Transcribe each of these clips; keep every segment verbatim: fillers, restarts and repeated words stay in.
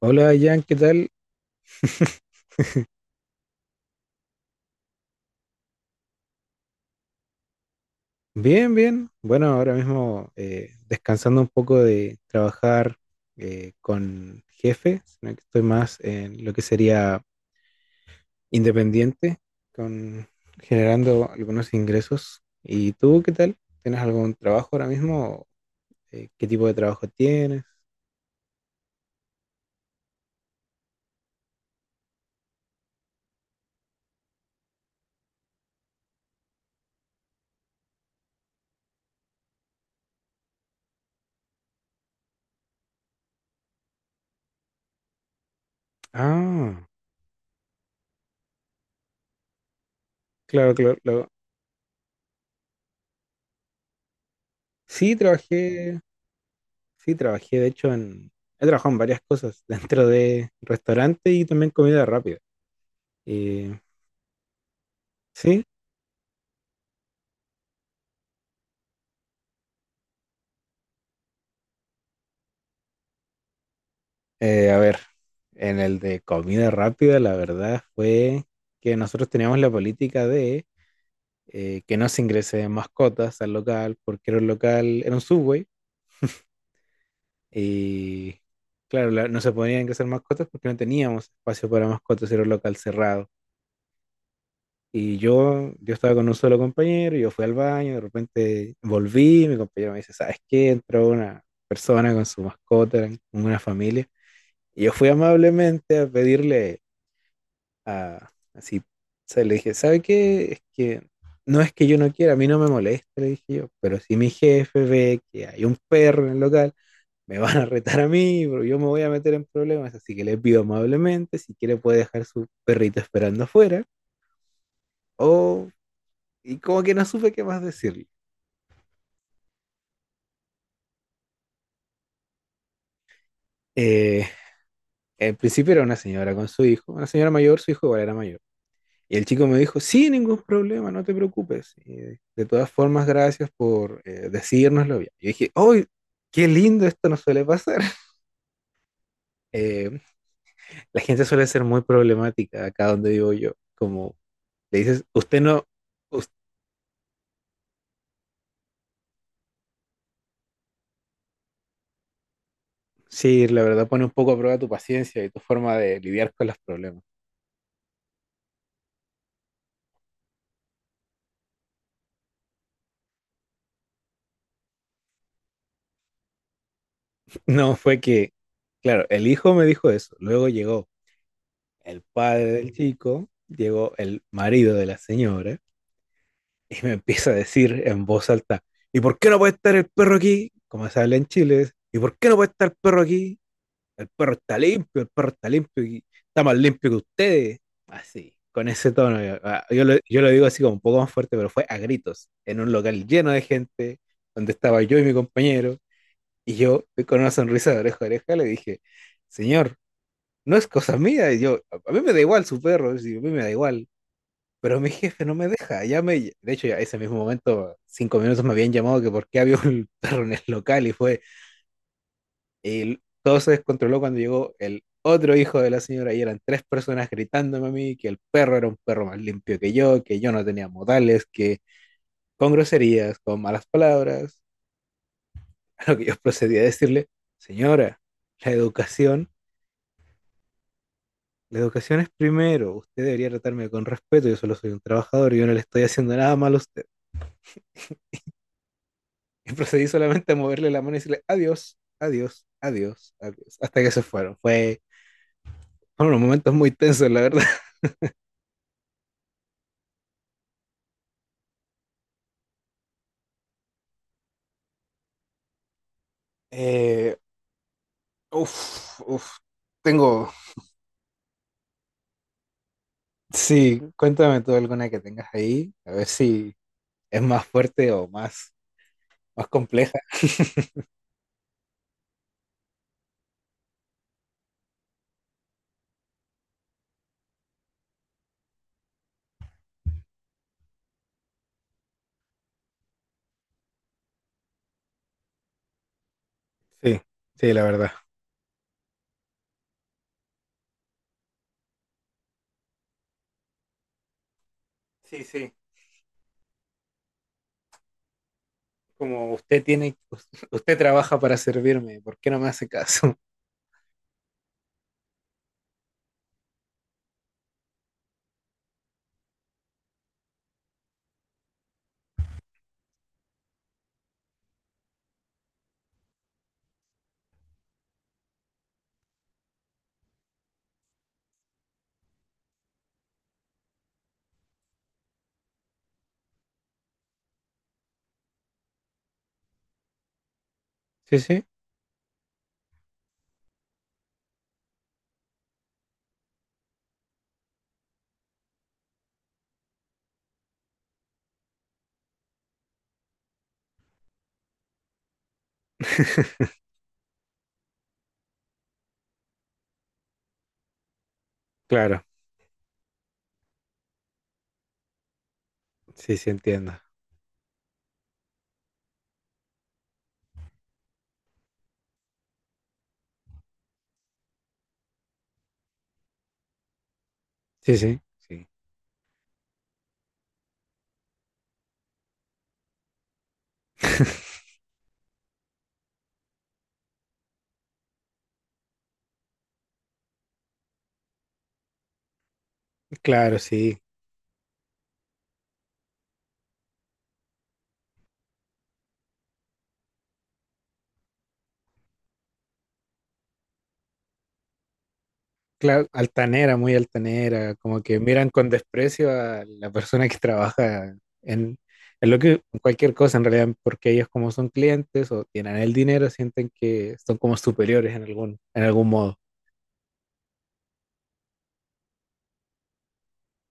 Hola Jan, ¿qué tal? Bien, bien. Bueno, ahora mismo eh, descansando un poco de trabajar eh, con jefe, sino que estoy más en lo que sería independiente, con generando algunos ingresos. ¿Y tú qué tal? ¿Tienes algún trabajo ahora mismo? Eh, ¿qué tipo de trabajo tienes? Ah, claro, claro, claro. Sí, trabajé, sí, trabajé, de hecho, en, he trabajado en varias cosas, dentro de restaurante y también comida rápida. Eh, Sí, Eh, a ver, en el de comida rápida, la verdad fue que nosotros teníamos la política de eh, que no se ingresen mascotas al local, porque era un local, era un Subway, y claro, la- no se podían ingresar mascotas porque no teníamos espacio para mascotas, era un local cerrado. Y yo, yo estaba con un solo compañero, yo fui al baño, de repente volví, mi compañero me dice, ¿sabes qué? Entró una persona con su mascota, eran una familia. Y yo fui amablemente a pedirle a- así. O sea, le dije, ¿sabe qué? Es que no es que yo no quiera, a mí no me molesta, le dije yo, pero si mi jefe ve que hay un perro en el local, me van a retar a mí, pero yo me voy a meter en problemas, así que le pido amablemente, si quiere puede dejar su perrito esperando afuera, o... Y como que no supe qué más decirle. Eh, Al principio era una señora con su hijo, una señora mayor, su hijo igual era mayor. Y el chico me dijo, sí, ningún problema, no te preocupes. Y, de todas formas, gracias por eh, decírnoslo bien. Yo dije, ¡ay, qué lindo! Esto no suele pasar. Eh, la gente suele ser muy problemática acá donde vivo yo. Como le dices, usted no, us- sí, la verdad pone un poco a prueba tu paciencia y tu forma de lidiar con los problemas. No, fue que, claro, el hijo me dijo eso. Luego llegó el padre del chico, llegó el marido de la señora. Y me empieza a decir en voz alta, ¿y por qué no puede estar el perro aquí? Como se habla en Chile, ¿y por qué no puede estar el perro aquí? El perro está limpio, el perro está limpio y está más limpio que ustedes. Así, con ese tono. Yo, ah, yo lo, yo lo digo así como un poco más fuerte, pero fue a gritos, en un local lleno de gente, donde estaba yo y mi compañero. Y yo, con una sonrisa de oreja a oreja, le dije, señor, no es cosa mía. Y yo, a mí me da igual su perro, y a mí me da igual. Pero mi jefe no me deja, ya me, de hecho, ya ese mismo momento, cinco minutos me habían llamado que por qué había un perro en el local y fue, y todo se descontroló cuando llegó el otro hijo de la señora y eran tres personas gritándome a mí que el perro era un perro más limpio que yo, que yo no tenía modales, que con groserías, con malas palabras, a lo que yo procedí a decirle, señora, la educación, la educación es primero, usted debería tratarme con respeto, yo solo soy un trabajador, yo no le estoy haciendo nada malo a usted. Y procedí solamente a moverle la mano y decirle adiós, adiós, adiós, adiós. Hasta que se fueron. Fue fueron unos momentos muy tensos, la verdad. Eh, Uf, uf. Tengo. Sí, cuéntame tú alguna que tengas ahí. A ver si es más fuerte o más, más compleja. Sí, sí, la verdad. Sí, sí. Como usted tiene, usted trabaja para servirme, ¿por qué no me hace caso? Sí, sí. Claro, sí, sí, entiendo. Sí, sí, sí. Claro, sí. Claro, altanera, muy altanera, como que miran con desprecio a la persona que trabaja en, en lo que en cualquier cosa en realidad, porque ellos como son clientes o tienen el dinero, sienten que son como superiores en algún, en algún modo.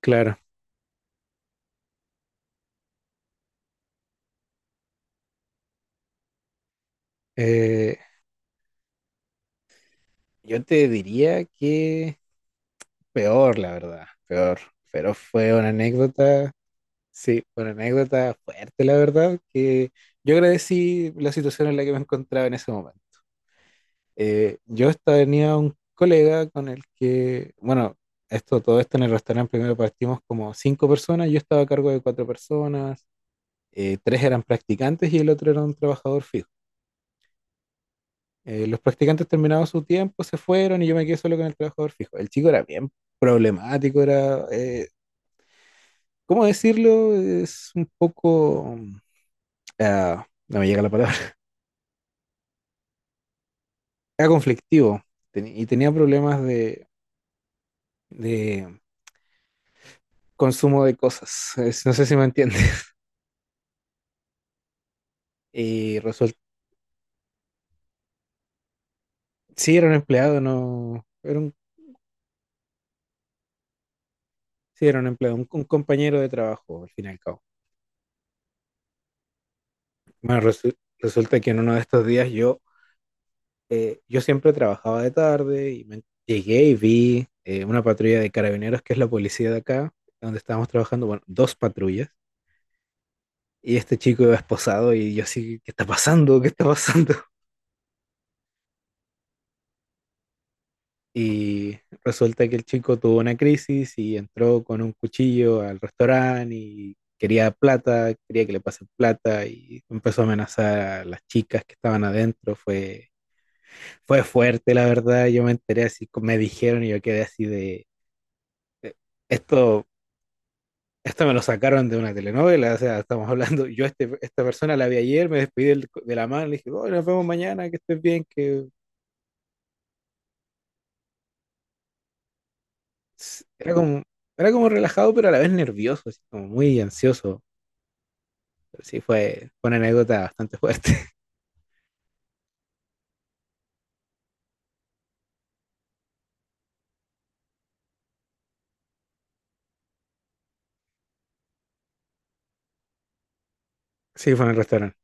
Claro. Eh, yo te diría que peor, la verdad, peor. Pero fue una anécdota, sí, fue una anécdota fuerte, la verdad, que yo agradecí la situación en la que me encontraba en ese momento. Eh, yo tenía un colega con el que, bueno, esto, todo esto en el restaurante primero partimos como cinco personas, yo estaba a cargo de cuatro personas, eh, tres eran practicantes y el otro era un trabajador fijo. Eh, los practicantes terminaron su tiempo, se fueron y yo me quedé solo con el trabajador fijo. El chico era bien problemático, era, eh, ¿cómo decirlo? Es un poco, ah, no me llega la palabra, era conflictivo ten- y tenía problemas de, de consumo de cosas. Es- no sé si me entiende. Y resulta, sí era un empleado, no, era un, sí era un empleado, un, un compañero de trabajo, al fin y al cabo. Bueno, resu- resulta que en uno de estos días yo, eh, yo siempre trabajaba de tarde y me llegué y vi eh, una patrulla de carabineros, que es la policía de acá, donde estábamos trabajando, bueno, dos patrullas. Y este chico iba esposado y yo así, ¿qué está pasando? ¿Qué está pasando? Y resulta que el chico tuvo una crisis y entró con un cuchillo al restaurante y quería plata, quería que le pasen plata y empezó a amenazar a las chicas que estaban adentro. Fue, fue fuerte, la verdad. Yo me enteré así, me dijeron y yo quedé así de, de, esto, esto me lo sacaron de una telenovela. O sea, estamos hablando, yo este, esta persona la vi ayer, me despedí del- de la mano, le dije, oh, nos vemos mañana, que estés bien, que era como, era como relajado, pero a la vez nervioso, así como muy ansioso. Pero sí, fue, fue una anécdota bastante fuerte. Sí, fue en el restaurante.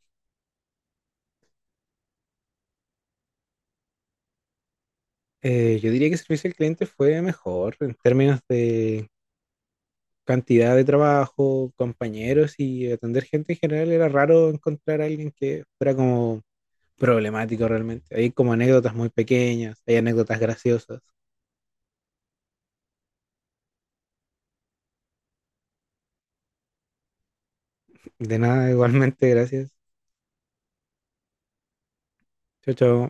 Eh, yo diría que servicio al cliente fue mejor en términos de cantidad de trabajo, compañeros y atender gente en general. Era raro encontrar a alguien que fuera como problemático realmente. Hay como anécdotas muy pequeñas, hay anécdotas graciosas. De nada, igualmente, gracias. Chao, chao.